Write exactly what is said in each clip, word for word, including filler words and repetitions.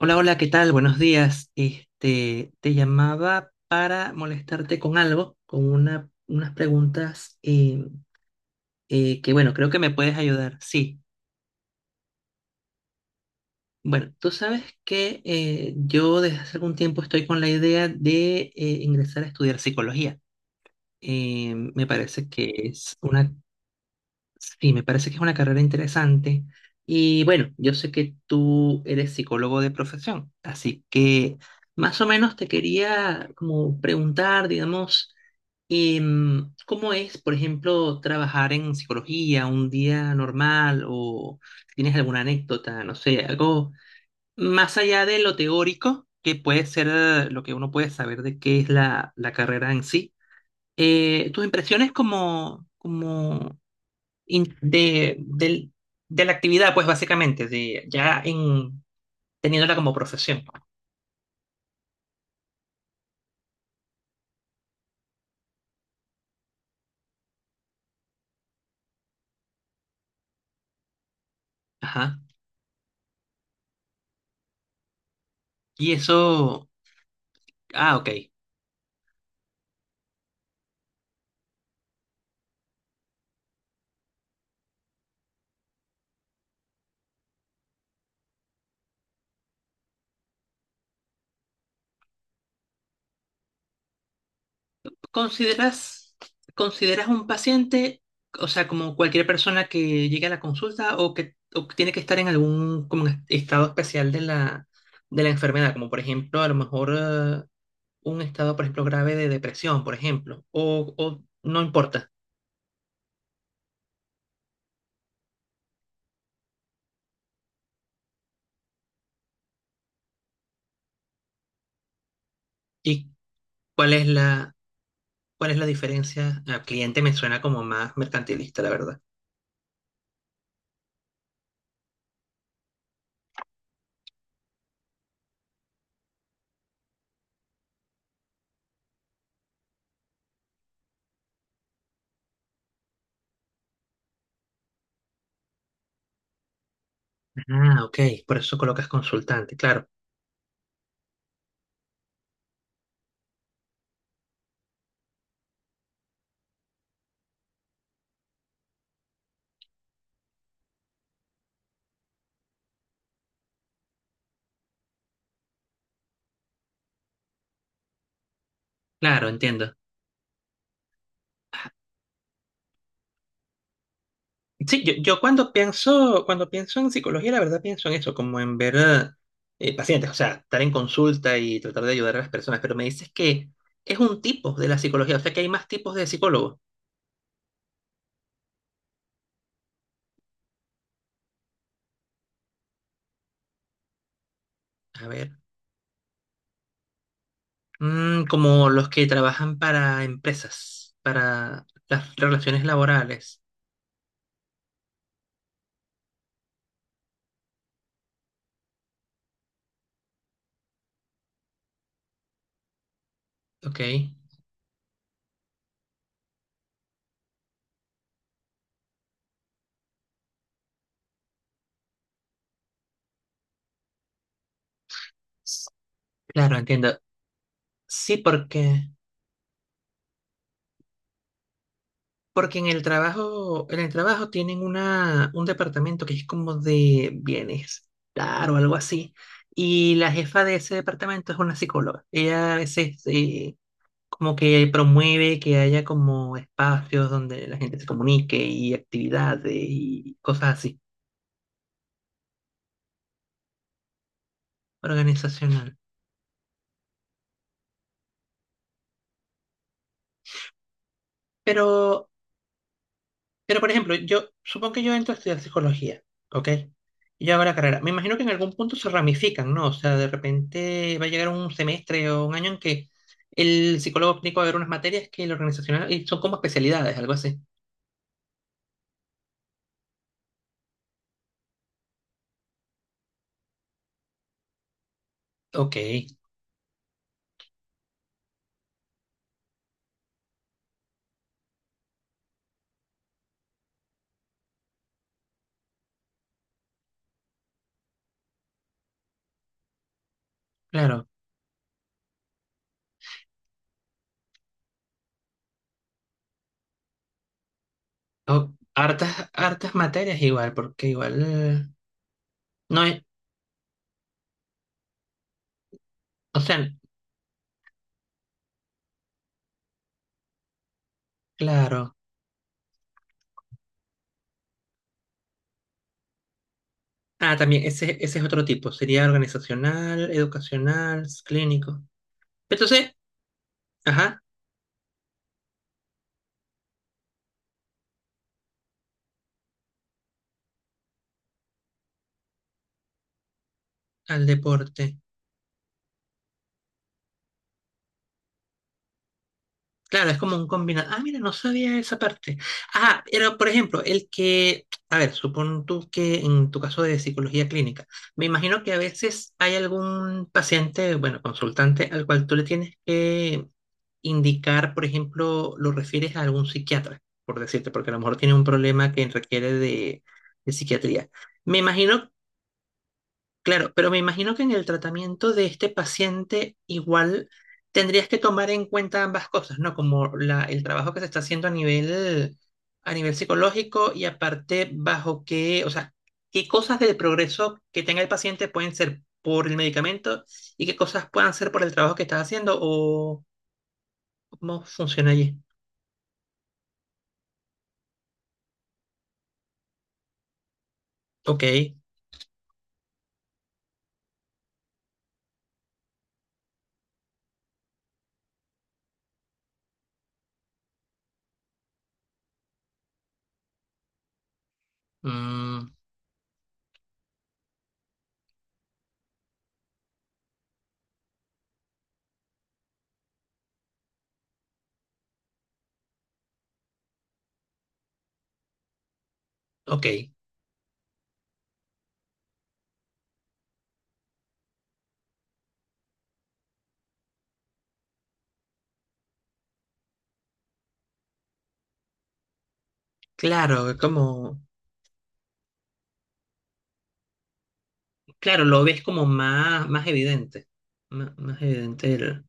Hola, hola, ¿qué tal? Buenos días. Este, te llamaba para molestarte con algo, con una, unas preguntas eh, eh, que, bueno, creo que me puedes ayudar. Sí, bueno, tú sabes que eh, yo desde hace algún tiempo estoy con la idea de eh, ingresar a estudiar psicología. Eh, me parece que es una Sí, me parece que es una carrera interesante. Y bueno, yo sé que tú eres psicólogo de profesión, así que más o menos te quería como preguntar, digamos, em, ¿cómo es, por ejemplo, trabajar en psicología un día normal o si tienes alguna anécdota, no sé, algo más allá de lo teórico, que puede ser eh, lo que uno puede saber de qué es la, la carrera en sí? Eh, tus impresiones como, como in- de, del- de la actividad, pues básicamente, de, ya en, teniéndola como profesión. Ajá. Y eso, ah, ok. ¿Consideras, consideras un paciente, o sea, como cualquier persona que llegue a la consulta o que, o que tiene que estar en algún como en estado especial de la, de la enfermedad, como por ejemplo, a lo mejor eh, un estado, por ejemplo, grave de depresión, por ejemplo, o, o no importa? ¿Y cuál es la, ¿Cuál es la diferencia? Ah, cliente me suena como más mercantilista, la verdad. Ah, ok, por eso colocas consultante, claro, claro, entiendo. Sí, yo, yo cuando pienso, cuando pienso en psicología, la verdad pienso en eso, como en ver eh, pacientes, o sea, estar en consulta y tratar de ayudar a las personas, pero me dices que es un tipo de la psicología, o sea que hay más tipos de psicólogos. A ver, mm, como los que trabajan para empresas, para las relaciones laborales, ok. Claro, entiendo. Sí, porque... Porque en el trabajo, en el trabajo tienen una, un departamento que es como de bienestar o algo así. Y la jefa de ese departamento es una psicóloga. Ella a veces eh, como que promueve que haya como espacios donde la gente se comunique y actividades y cosas así, organizacional. Pero Pero, por ejemplo, yo supongo que yo entro a estudiar psicología, ¿ok? Y yo hago la carrera. Me imagino que en algún punto se ramifican, ¿no? O sea, de repente va a llegar un semestre o un año en que el psicólogo clínico va a ver unas materias que el organizacional y son como especialidades, algo así. Ok, claro. O- hartas, hartas materias igual, porque igual no es, o sea, claro. Ah, también, ese, ese es otro tipo. Sería organizacional, educacional, clínico. Entonces, ajá, al deporte. Claro, es como un combinado. Ah, mira, no sabía esa parte. Ah, pero por ejemplo, el que, a ver, supón tú que en tu caso de psicología clínica, me imagino que a veces hay algún paciente, bueno, consultante, al cual tú le tienes que indicar, por ejemplo, lo refieres a algún psiquiatra, por decirte, porque a lo mejor tiene un problema que requiere de, de psiquiatría. Me imagino Claro, pero me imagino que en el tratamiento de este paciente igual tendrías que tomar en cuenta ambas cosas, ¿no? Como la, el trabajo que se está haciendo a nivel, a nivel psicológico y aparte bajo qué, o sea, qué cosas del progreso que tenga el paciente pueden ser por el medicamento y qué cosas puedan ser por el trabajo que estás haciendo o cómo funciona allí. Ok, mm, ok, claro, es como, claro, lo ves como más, más evidente, más, más evidente el.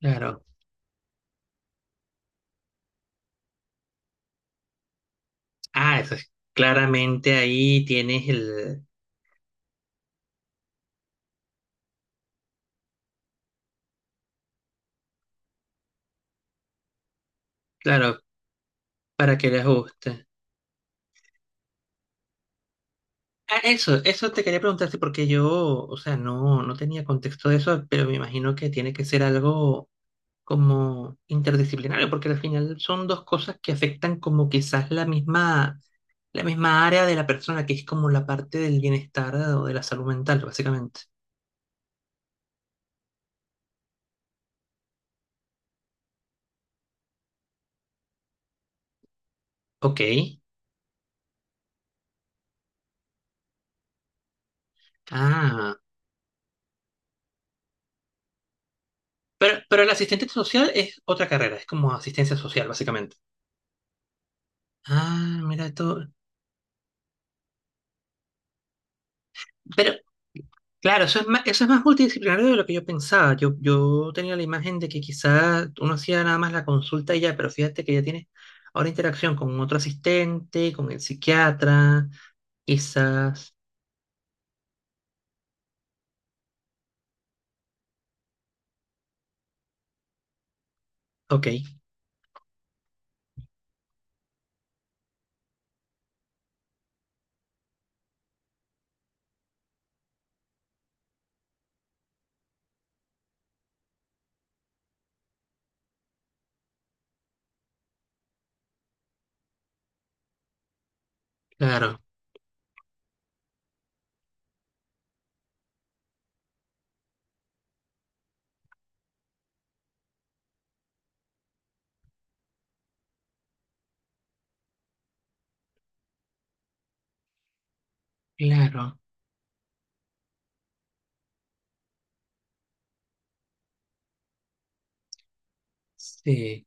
Claro. Ah, eso es- claramente ahí tienes el. Claro, para que les guste. Ah, eso, eso te quería preguntarte porque yo, o sea, no, no tenía contexto de eso, pero me imagino que tiene que ser algo como interdisciplinario, porque al final son dos cosas que afectan como quizás la misma, la misma área de la persona, que es como la parte del bienestar o de la salud mental, básicamente. Ok. Ah, pero, pero el asistente social es otra carrera, es como asistencia social, básicamente. Ah, mira, tú, pero claro, eso es más, eso es más multidisciplinario de lo que yo pensaba. Yo, yo tenía la imagen de que quizás uno hacía nada más la consulta y ya, pero fíjate que ya tiene ahora interacción con otro asistente, con el psiquiatra, quizás. Ok, claro, claro, sí.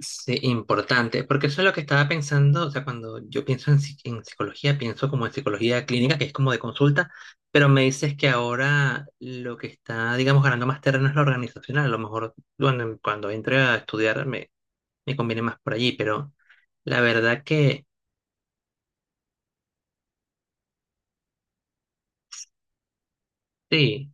Sí, importante, porque eso es lo que estaba pensando, o sea, cuando yo pienso en, psi- en psicología, pienso como en psicología clínica, que es como de consulta, pero me dices que ahora lo que está, digamos, ganando más terreno es lo organizacional, a lo mejor cuando, cuando entre a estudiar me, me conviene más por allí, pero la verdad que sí.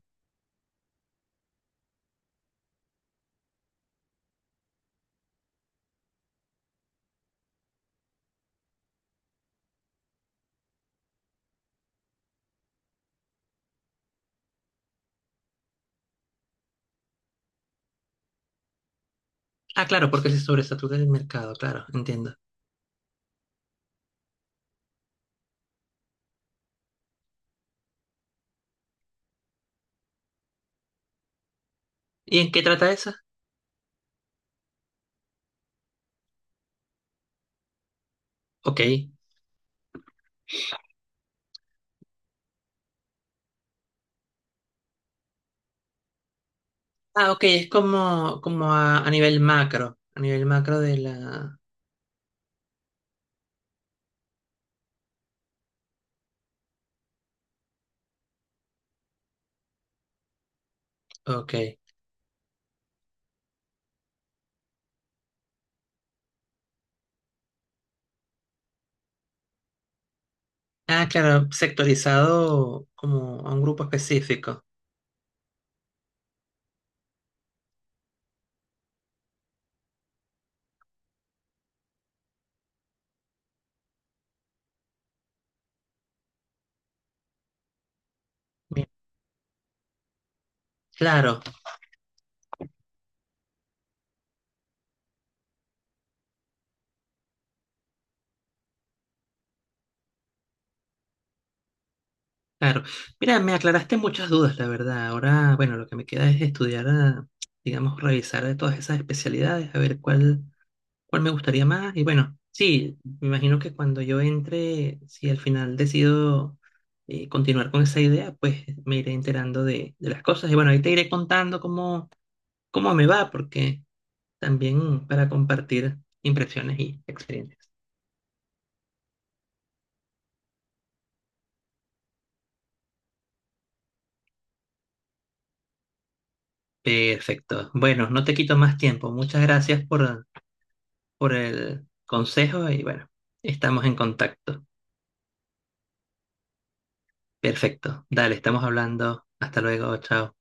Ah, claro, porque se sobresatura el mercado, claro, entiendo. ¿Y en qué trata esa? Ok. Ah, ok, es como, como a, a nivel macro, a nivel macro de la. Ok. Ah, claro, sectorizado como a un grupo específico. Bien, claro, claro. Mira, me aclaraste muchas dudas, la verdad. Ahora, bueno, lo que me queda es estudiar, ah, digamos, revisar de todas esas especialidades, a ver cuál, cuál me gustaría más. Y bueno, sí, me imagino que cuando yo entre, si al final decido eh, continuar con esa idea, pues me iré enterando de, de las cosas. Y bueno, ahí te iré contando cómo, cómo me va, porque también para compartir impresiones y experiencias. Perfecto. Bueno, no te quito más tiempo. Muchas gracias por, por el consejo y bueno, estamos en contacto. Perfecto. Dale, estamos hablando. Hasta luego. Chao.